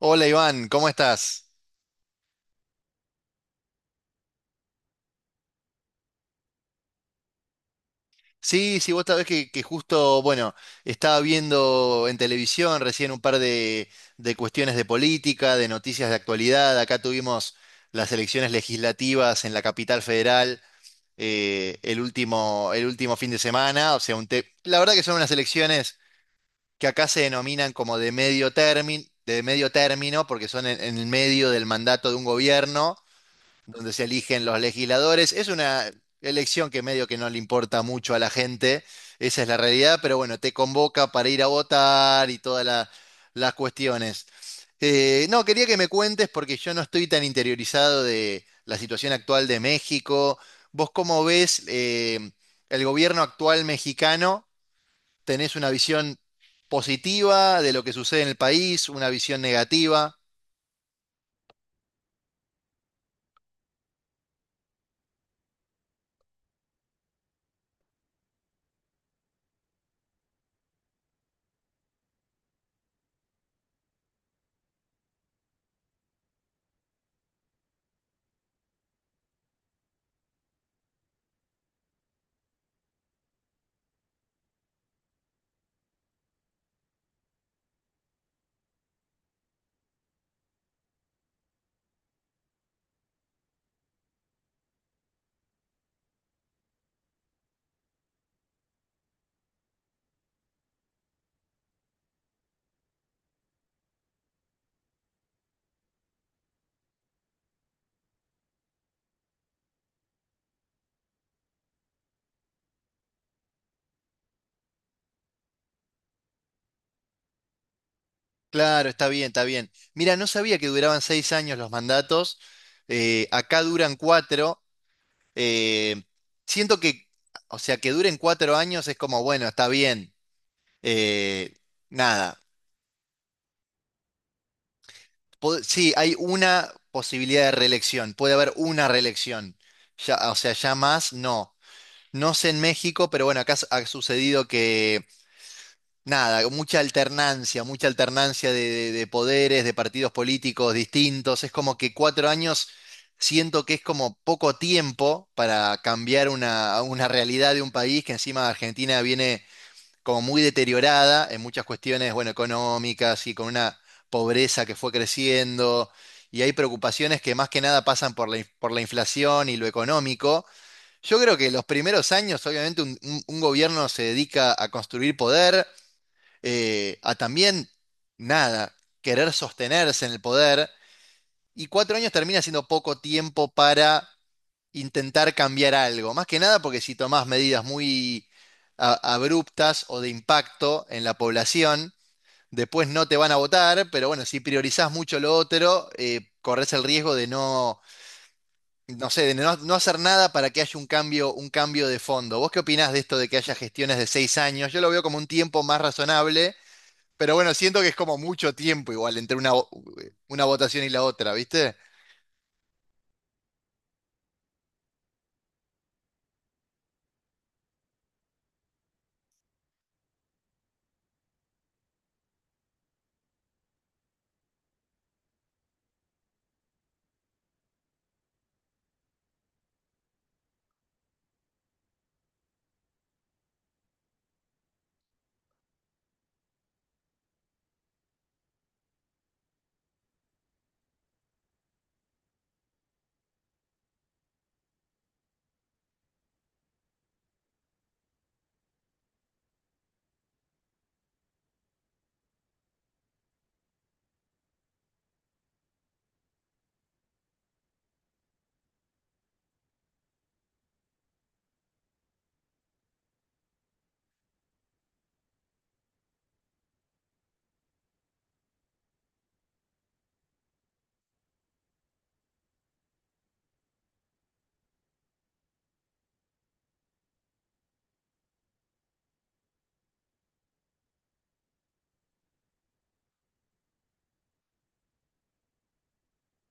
Hola Iván, ¿cómo estás? Sí, sí, vos sabés que justo, bueno, estaba viendo en televisión recién un par de cuestiones de política, de noticias de actualidad. Acá tuvimos las elecciones legislativas en la capital federal, el último fin de semana. O sea, la verdad que son unas elecciones que acá se denominan como de medio término, porque son en el medio del mandato de un gobierno, donde se eligen los legisladores. Es una elección que medio que no le importa mucho a la gente, esa es la realidad, pero bueno, te convoca para ir a votar y las cuestiones. No, quería que me cuentes porque yo no estoy tan interiorizado de la situación actual de México. ¿Vos cómo ves el gobierno actual mexicano? ¿Tenés una visión positiva de lo que sucede en el país, una visión negativa? Claro, está bien, está bien. Mira, no sabía que duraban 6 años los mandatos. Acá duran cuatro. eh, Siento que, o sea, que duren 4 años es como, bueno, está bien. eh, Nada. Sí, hay una posibilidad de reelección. Puede haber una reelección. Ya, o sea, ya más, no. No sé en México, pero bueno, ha sucedido, nada, mucha alternancia de, de poderes, de partidos políticos distintos. Es como que cuatro años siento que es como poco tiempo para cambiar una realidad de un país que encima Argentina viene como muy deteriorada en muchas cuestiones, bueno, económicas y con una pobreza que fue creciendo. Y hay preocupaciones que más que nada pasan por por la inflación y lo económico. Yo creo que los primeros años, obviamente, un gobierno se dedica a construir poder, a también, nada, querer sostenerse en el poder. Y cuatro años termina siendo poco tiempo para intentar cambiar algo. Más que nada porque si tomás medidas muy abruptas o de impacto en la población, después no te van a votar, pero bueno, si priorizás mucho lo otro, corres el riesgo de no, no sé, de no, no hacer nada para que haya un cambio de fondo. ¿Vos qué opinás de esto de que haya gestiones de 6 años? Yo lo veo como un tiempo más razonable, pero bueno, siento que es como mucho tiempo igual entre una votación y la otra, ¿viste?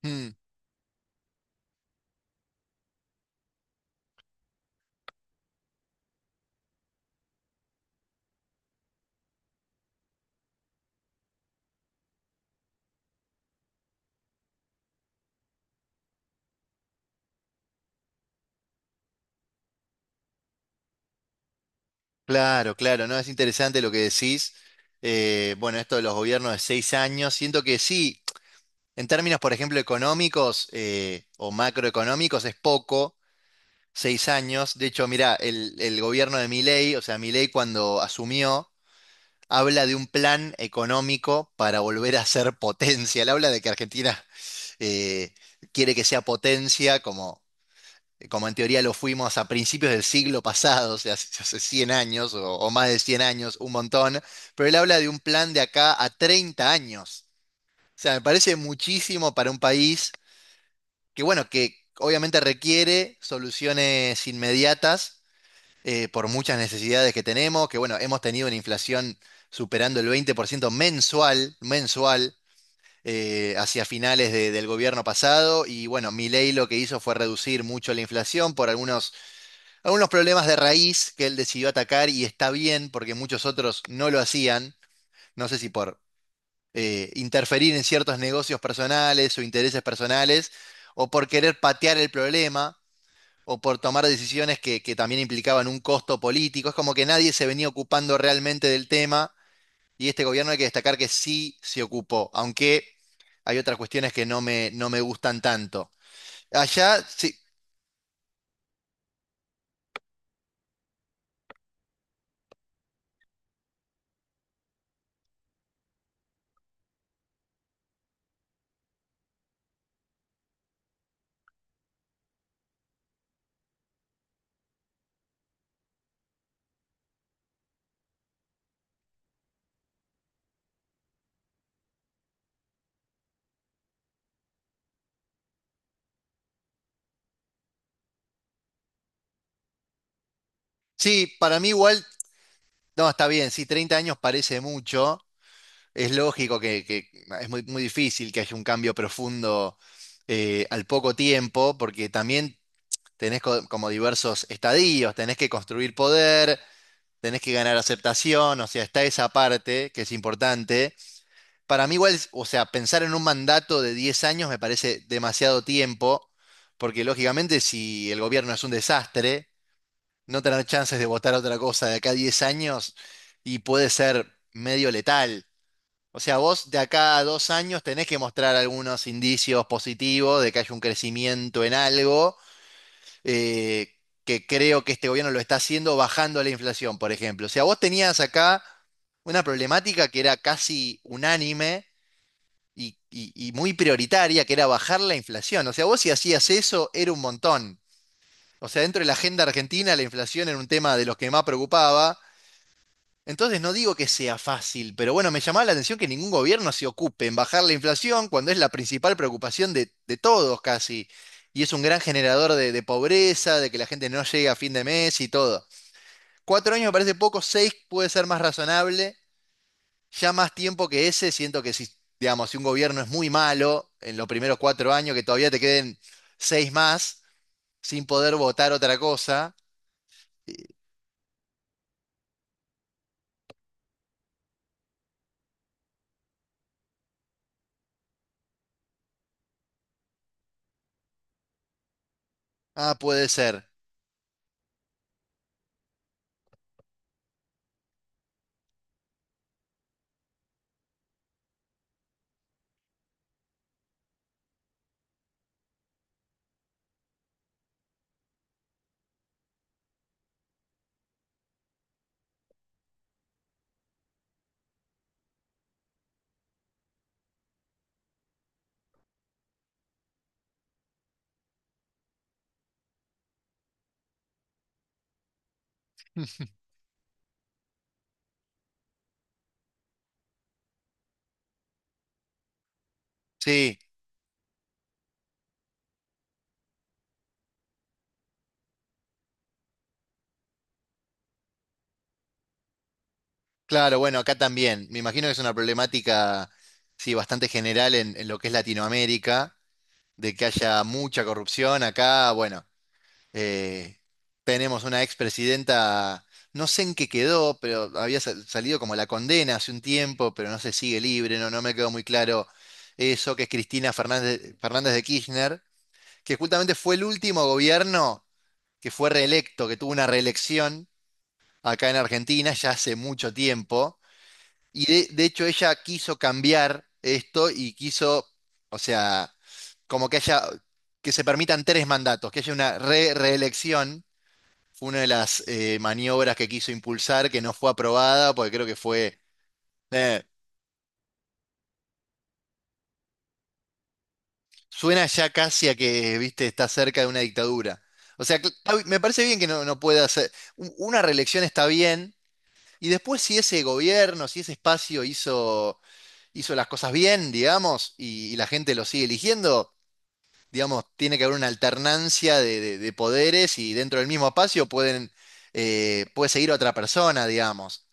Mm, claro, claro, ¿no? Es interesante lo que decís. Bueno, esto de los gobiernos de 6 años, siento que sí, en términos, por ejemplo, económicos, o macroeconómicos, es poco, 6 años. De hecho, mirá, el gobierno de Milei, o sea, Milei cuando asumió, habla de un plan económico para volver a ser potencia. Él habla de que Argentina... eh, quiere que sea potencia, como como en teoría lo fuimos a principios del siglo pasado, o sea, hace 100 años o más de 100 años, un montón, pero él habla de un plan de acá a 30 años. O sea, me parece muchísimo para un país que, bueno, que obviamente requiere soluciones inmediatas, por muchas necesidades que tenemos, que, bueno, hemos tenido una inflación superando el 20% mensual, mensual. Hacia finales del gobierno pasado y bueno, Milei lo que hizo fue reducir mucho la inflación por algunos, algunos problemas de raíz que él decidió atacar, y está bien porque muchos otros no lo hacían, no sé si por interferir en ciertos negocios personales o intereses personales, o por querer patear el problema, o por tomar decisiones que también implicaban un costo político. Es como que nadie se venía ocupando realmente del tema y este gobierno hay que destacar que sí se ocupó, aunque hay otras cuestiones que no me, no me gustan tanto. Allá, sí, sí, para mí igual, no, está bien, sí, 30 años parece mucho. Es lógico que es muy, muy difícil que haya un cambio profundo al poco tiempo, porque también tenés como diversos estadios, tenés que construir poder, tenés que ganar aceptación, o sea, está esa parte que es importante. Para mí igual, o sea, pensar en un mandato de 10 años me parece demasiado tiempo, porque lógicamente si el gobierno es un desastre, no tener chances de votar otra cosa de acá a 10 años y puede ser medio letal. O sea, vos de acá a 2 años tenés que mostrar algunos indicios positivos de que hay un crecimiento en algo, eh, que creo que este gobierno lo está haciendo bajando la inflación, por ejemplo. O sea, vos tenías acá una problemática que era casi unánime y, y muy prioritaria, que era bajar la inflación. O sea, vos si hacías eso, era un montón. O sea, dentro de la agenda argentina, la inflación era un tema de los que más preocupaba. Entonces no digo que sea fácil, pero bueno, me llamaba la atención que ningún gobierno se ocupe en bajar la inflación cuando es la principal preocupación de todos casi. Y es un gran generador de pobreza, de que la gente no llegue a fin de mes y todo. 4 años me parece poco, seis puede ser más razonable. Ya más tiempo que ese, siento que si, digamos, si un gobierno es muy malo en los primeros 4 años, que todavía te queden seis más sin poder votar otra cosa, eh, ah, puede ser. Sí. Claro, bueno, acá también. Me imagino que es una problemática, sí, bastante general en lo que es Latinoamérica, de que haya mucha corrupción. Acá, bueno, eh, tenemos una expresidenta, no sé en qué quedó, pero había salido como la condena hace un tiempo, pero no se sigue libre, no, no me quedó muy claro eso, que es Cristina Fernández, Fernández de Kirchner, que justamente fue el último gobierno que fue reelecto, que tuvo una reelección acá en Argentina ya hace mucho tiempo. Y de hecho ella quiso cambiar esto y quiso, o sea, como que haya, que se permitan 3 mandatos, que haya una reelección, fue una de las maniobras que quiso impulsar, que no fue aprobada, porque creo que fue, eh, suena ya casi a que, viste, está cerca de una dictadura. O sea, me parece bien que no, no pueda hacer, una reelección está bien, y después si ese gobierno, si ese espacio hizo, hizo las cosas bien, digamos, y la gente lo sigue eligiendo, digamos, tiene que haber una alternancia de, de poderes, y dentro del mismo espacio pueden, puede seguir otra persona, digamos.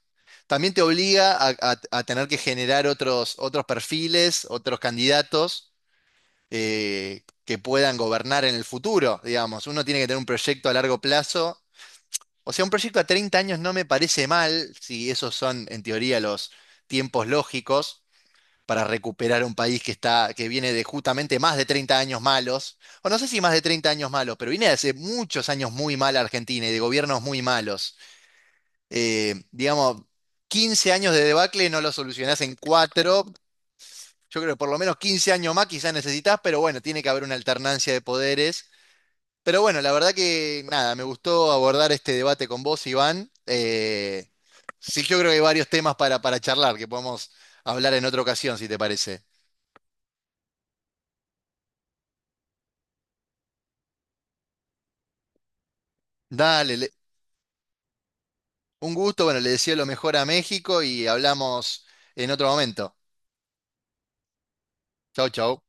También te obliga a, a tener que generar otros, otros perfiles, otros candidatos que puedan gobernar en el futuro, digamos. Uno tiene que tener un proyecto a largo plazo. O sea, un proyecto a 30 años no me parece mal, si esos son en teoría los tiempos lógicos para recuperar un país que está, que viene de justamente más de 30 años malos, o no sé si más de 30 años malos, pero viene de hace muchos años muy mal Argentina y de gobiernos muy malos. Digamos, 15 años de debacle no lo solucionás en cuatro. Yo creo que por lo menos 15 años más quizás necesitas, pero bueno, tiene que haber una alternancia de poderes. Pero bueno, la verdad que nada, me gustó abordar este debate con vos, Iván. Sí, yo creo que hay varios temas para charlar que podemos hablar en otra ocasión, si te parece. Dale, un gusto, bueno, le deseo lo mejor a México y hablamos en otro momento. Chau, chau.